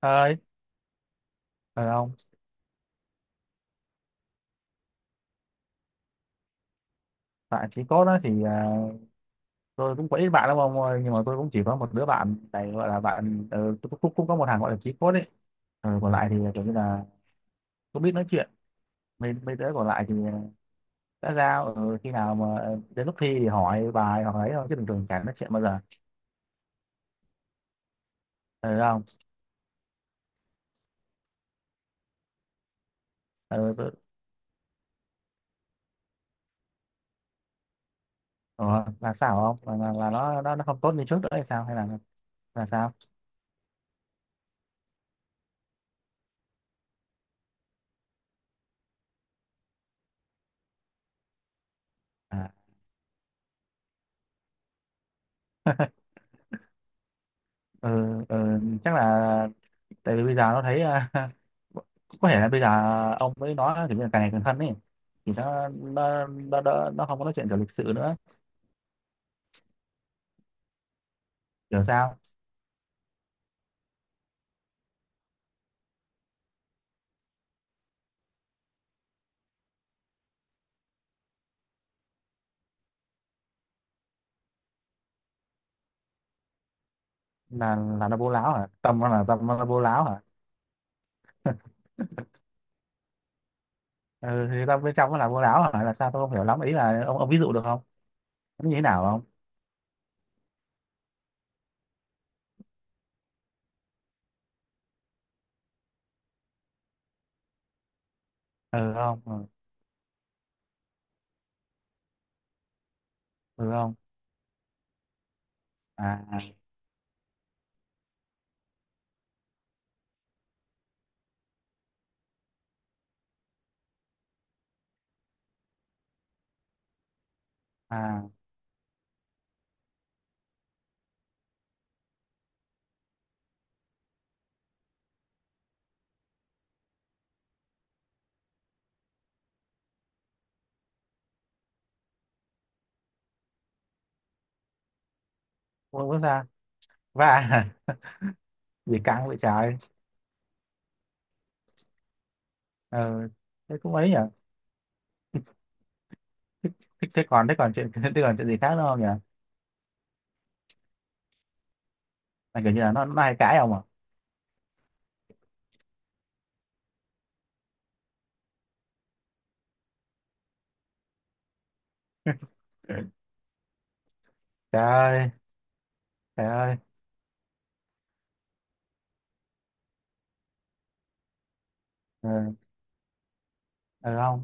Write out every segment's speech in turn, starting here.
Ơi, phải không? Bạn chỉ cốt đó thì tôi cũng có ít bạn lắm ông ơi, nhưng mà tôi cũng chỉ có một đứa bạn này gọi là bạn tôi cũng, cũng cũng có một thằng gọi là chí cốt ấy. Còn lại thì kiểu như là cũng biết nói chuyện. Mấy mấy đứa còn lại thì đã giao khi nào mà đến lúc thi thì hỏi bài hoặc ấy thôi chứ bình thường chẳng nói chuyện bao giờ. Ờ không? Ờ, tôi, ờ, là sao không? Là nó, nó không tốt như trước nữa hay sao hay là sao? À. Ừ, ừ, chắc là tại vì bây giờ nó thấy à, có thể là bây giờ ông mới nói kiểu như là càng ngày càng thân ấy thì nó không có nói chuyện kiểu lịch sự nữa. Kiểu sao, là nó bố láo hả, tâm nó là bố láo hả? Ừ, thì tâm bên trong nó là bố láo hả, là sao tôi không hiểu lắm, ý là ông ví dụ được không, nó như thế nào không? Ừ không, ừ, ừ không, à, à không bước ra và gì căng vậy trời. Ừ, thế cũng ấy nhỉ. Thế, thế còn chuyện thế còn chuyện gì khác nữa không nhỉ, là kiểu như là nó hay cãi ông à? Trời ơi, trời ơi. Ừ, ừ không,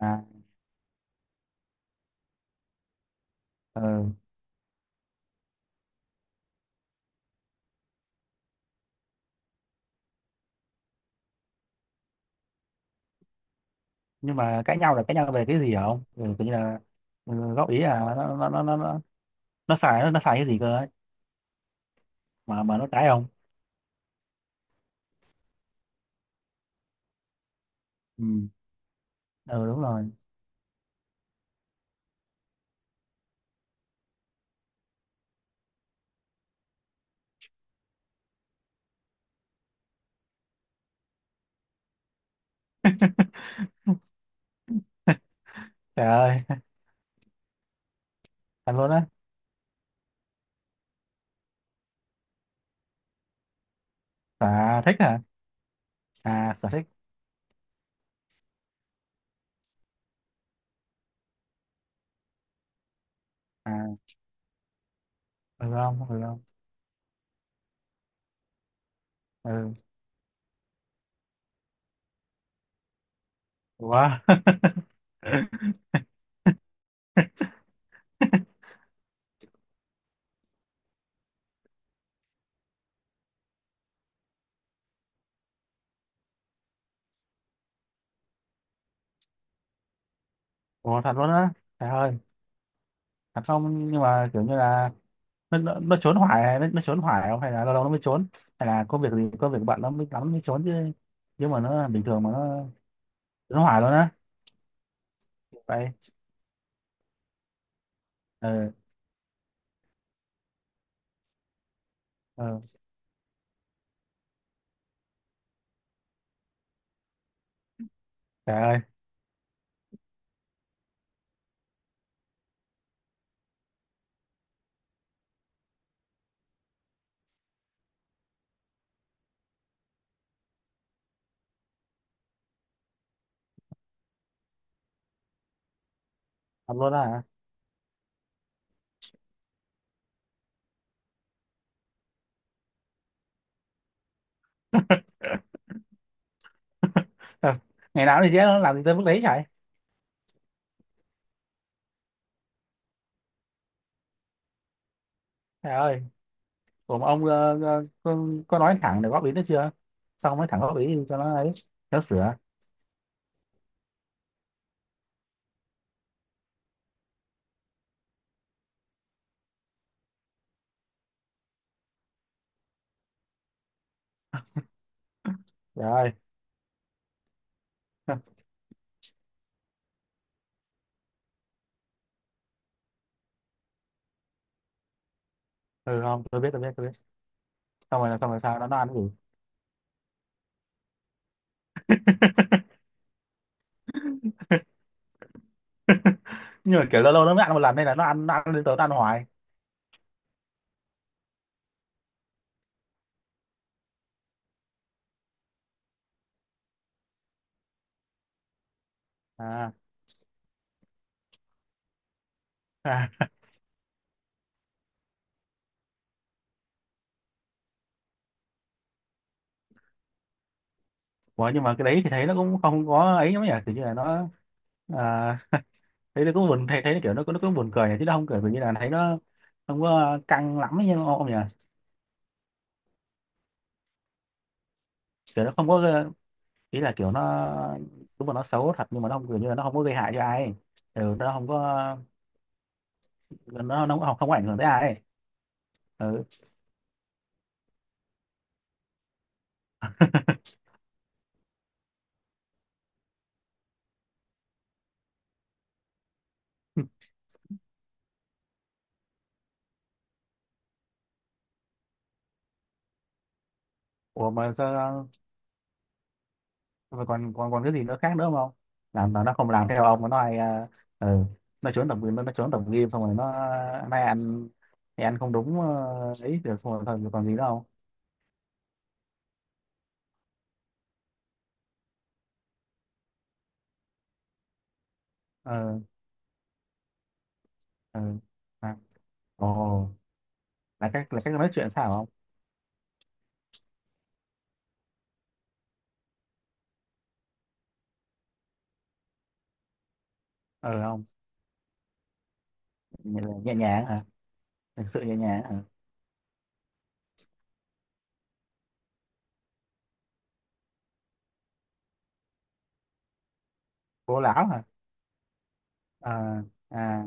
à, ừ. Nhưng mà cãi nhau là cãi nhau về cái gì hả ông, ừ, tự nhiên là ừ, góp ý là nó, nó xài cái gì cơ ấy, mà nó cãi ông? Ừ. Ừ đúng rồi. Trời ơi. Thật luôn á. Sở thích hả, à sở thích, à, ừ không, ừ không, ừ quá. Ủa thật luôn á. Trời ơi. Thật không, nhưng mà kiểu như là nó, nó trốn hoài không, hay là lâu lâu nó mới trốn, hay là có việc gì, có việc bận nó mới lắm mới trốn chứ? Nhưng mà nó bình thường mà nó trốn hoài luôn á? Vậy, ừ, ừ. Trời ơi. Thật luôn đó hả? Ờ, ngày nào thì chứ nó làm gì tới mức đấy, chạy trời ơi. Cùng ông có nói thẳng để góp ý nữa chưa, xong mới thẳng góp ý cho nó ấy nó sửa? Trời ơi. Ừ không tôi biết tôi biết tôi biết. Xong rồi, xong rồi sao nó ăn cái gì? Nhưng mà kiểu lâu lâu nó mới ăn một lần nên là nó ăn, nó ăn lên tới nó ăn hoài à. À. Ủa, nhưng mà cái đấy thì thấy nó cũng không có ấy lắm nhỉ, kiểu như là nó, à, thấy nó cũng buồn, thấy thấy nó kiểu nó cũng buồn cười nhỉ, chứ nó không cười vì như là thấy nó không có căng lắm ấy nhưng mà ông nhỉ. Kiểu nó không có, ý là kiểu nó đúng là nó xấu thật nhưng mà nó không kiểu như là nó không có gây hại cho ai. Ừ, nó không có, nó không có ảnh hưởng tới ai ấy. Ừ. Ủa mà sao, mà còn còn còn cái gì nữa khác nữa không, làm mà nó không làm theo ông mà nó hay à, ừ, nó trốn tập, nó trốn tập game, xong rồi nó nay ăn thì ăn không đúng, ấy được, xong rồi thôi còn gì nữa không? Ờ, ờ, à, ồ, là cách nói chuyện sao không? Ờ không. Nhẹ, nhẹ nhàng hả? Thực sự nhẹ nhàng hả? Cố lão hả? Ờ, à,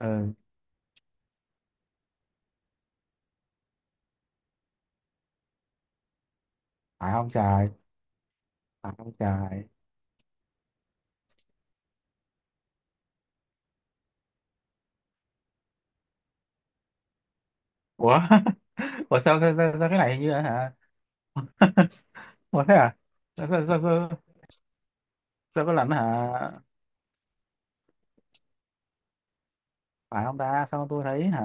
ừ. Phải không trời. Phải không trời. Ủa ủa sao cái này hình như là hả. Ủa thế à? sao sao sao, sao, sao có lần hả? Phải không ta, sao tôi thấy hả,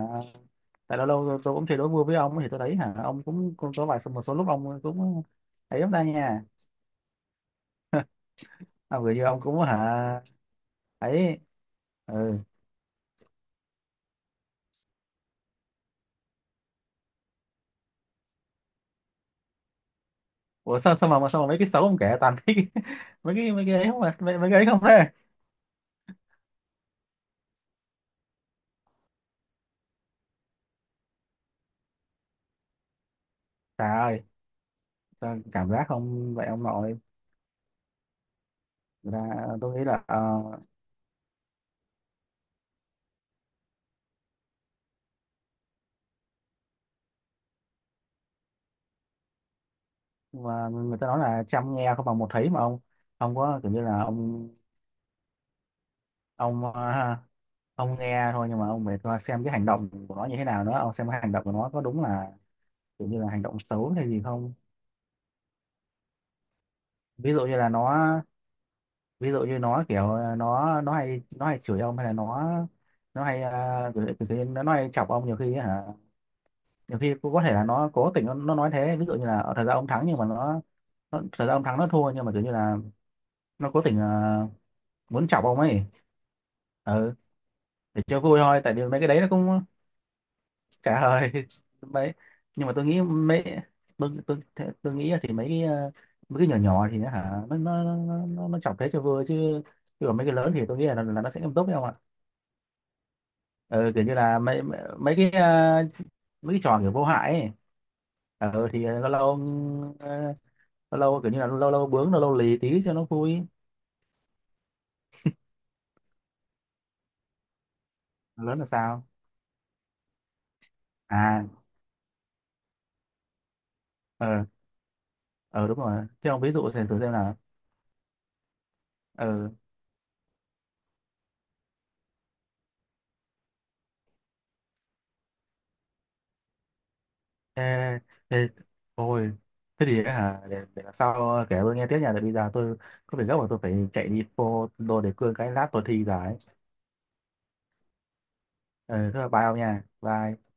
tại lâu lâu tôi cũng chơi đố vui với ông thì tôi thấy hả, ông cũng có vài một số lúc ông cũng thấy lắm ta nha. À, vừa như ông cũng hả, ấy, ừ. Ủa sao sao mà mấy cái xấu ông kể toàn thấy cái- mấy cái ấy, không mà mấy, mấy cái ấy không thế. Trời ơi. Sao cảm giác không vậy ông nội? Thật ra tôi nghĩ là và người ta nói là chăm nghe không bằng một thấy mà ông có kiểu như là ông ông nghe thôi nhưng mà ông phải coi xem cái hành động của nó như thế nào nữa, ông xem cái hành động của nó có đúng là kiểu như là hành động xấu hay gì không. Ví dụ như là nó, ví dụ như nó kiểu nó hay nó hay chửi ông, hay là nó hay à, kiểu, kiểu, kiểu, nó hay chọc ông nhiều khi hả? Nhiều khi cũng có thể là nó cố tình nó nói thế, ví dụ như là ở thời gian ông thắng nhưng mà nó thời gian ông thắng nó thua nhưng mà kiểu như là nó cố tình muốn chọc ông ấy, ừ, để cho vui thôi, tại vì mấy cái đấy nó cũng trả lời. Mấy, nhưng mà tôi nghĩ mấy, tôi nghĩ là thì mấy cái mấy cái nhỏ nhỏ thì nó hả nó chọc thế cho vui chứ, chứ còn mấy cái lớn thì tôi nghĩ là nó sẽ nghiêm túc đấy không ạ. Ừ, kiểu như là mấy mấy mấy cái mấy cái trò kiểu vô hại ấy. Ừ, thì lâu lâu, ờ, lâu lâu kiểu như là lâu lâu bướng lâu lâu lì tí cho nó vui. Lớn là sao? À, ờ, ờ đúng rồi, thế ông ví dụ xem thử xem nào. Ờ. Ê, ê, ôi, thế thì ấy hả, để lần sau kể tôi nghe tiếp nha, tại bây giờ tôi có việc gấp và tôi phải chạy đi phô đồ đề cương cái lát tôi thi rồi ấy. Ừ, thế là bye ông nha, bye.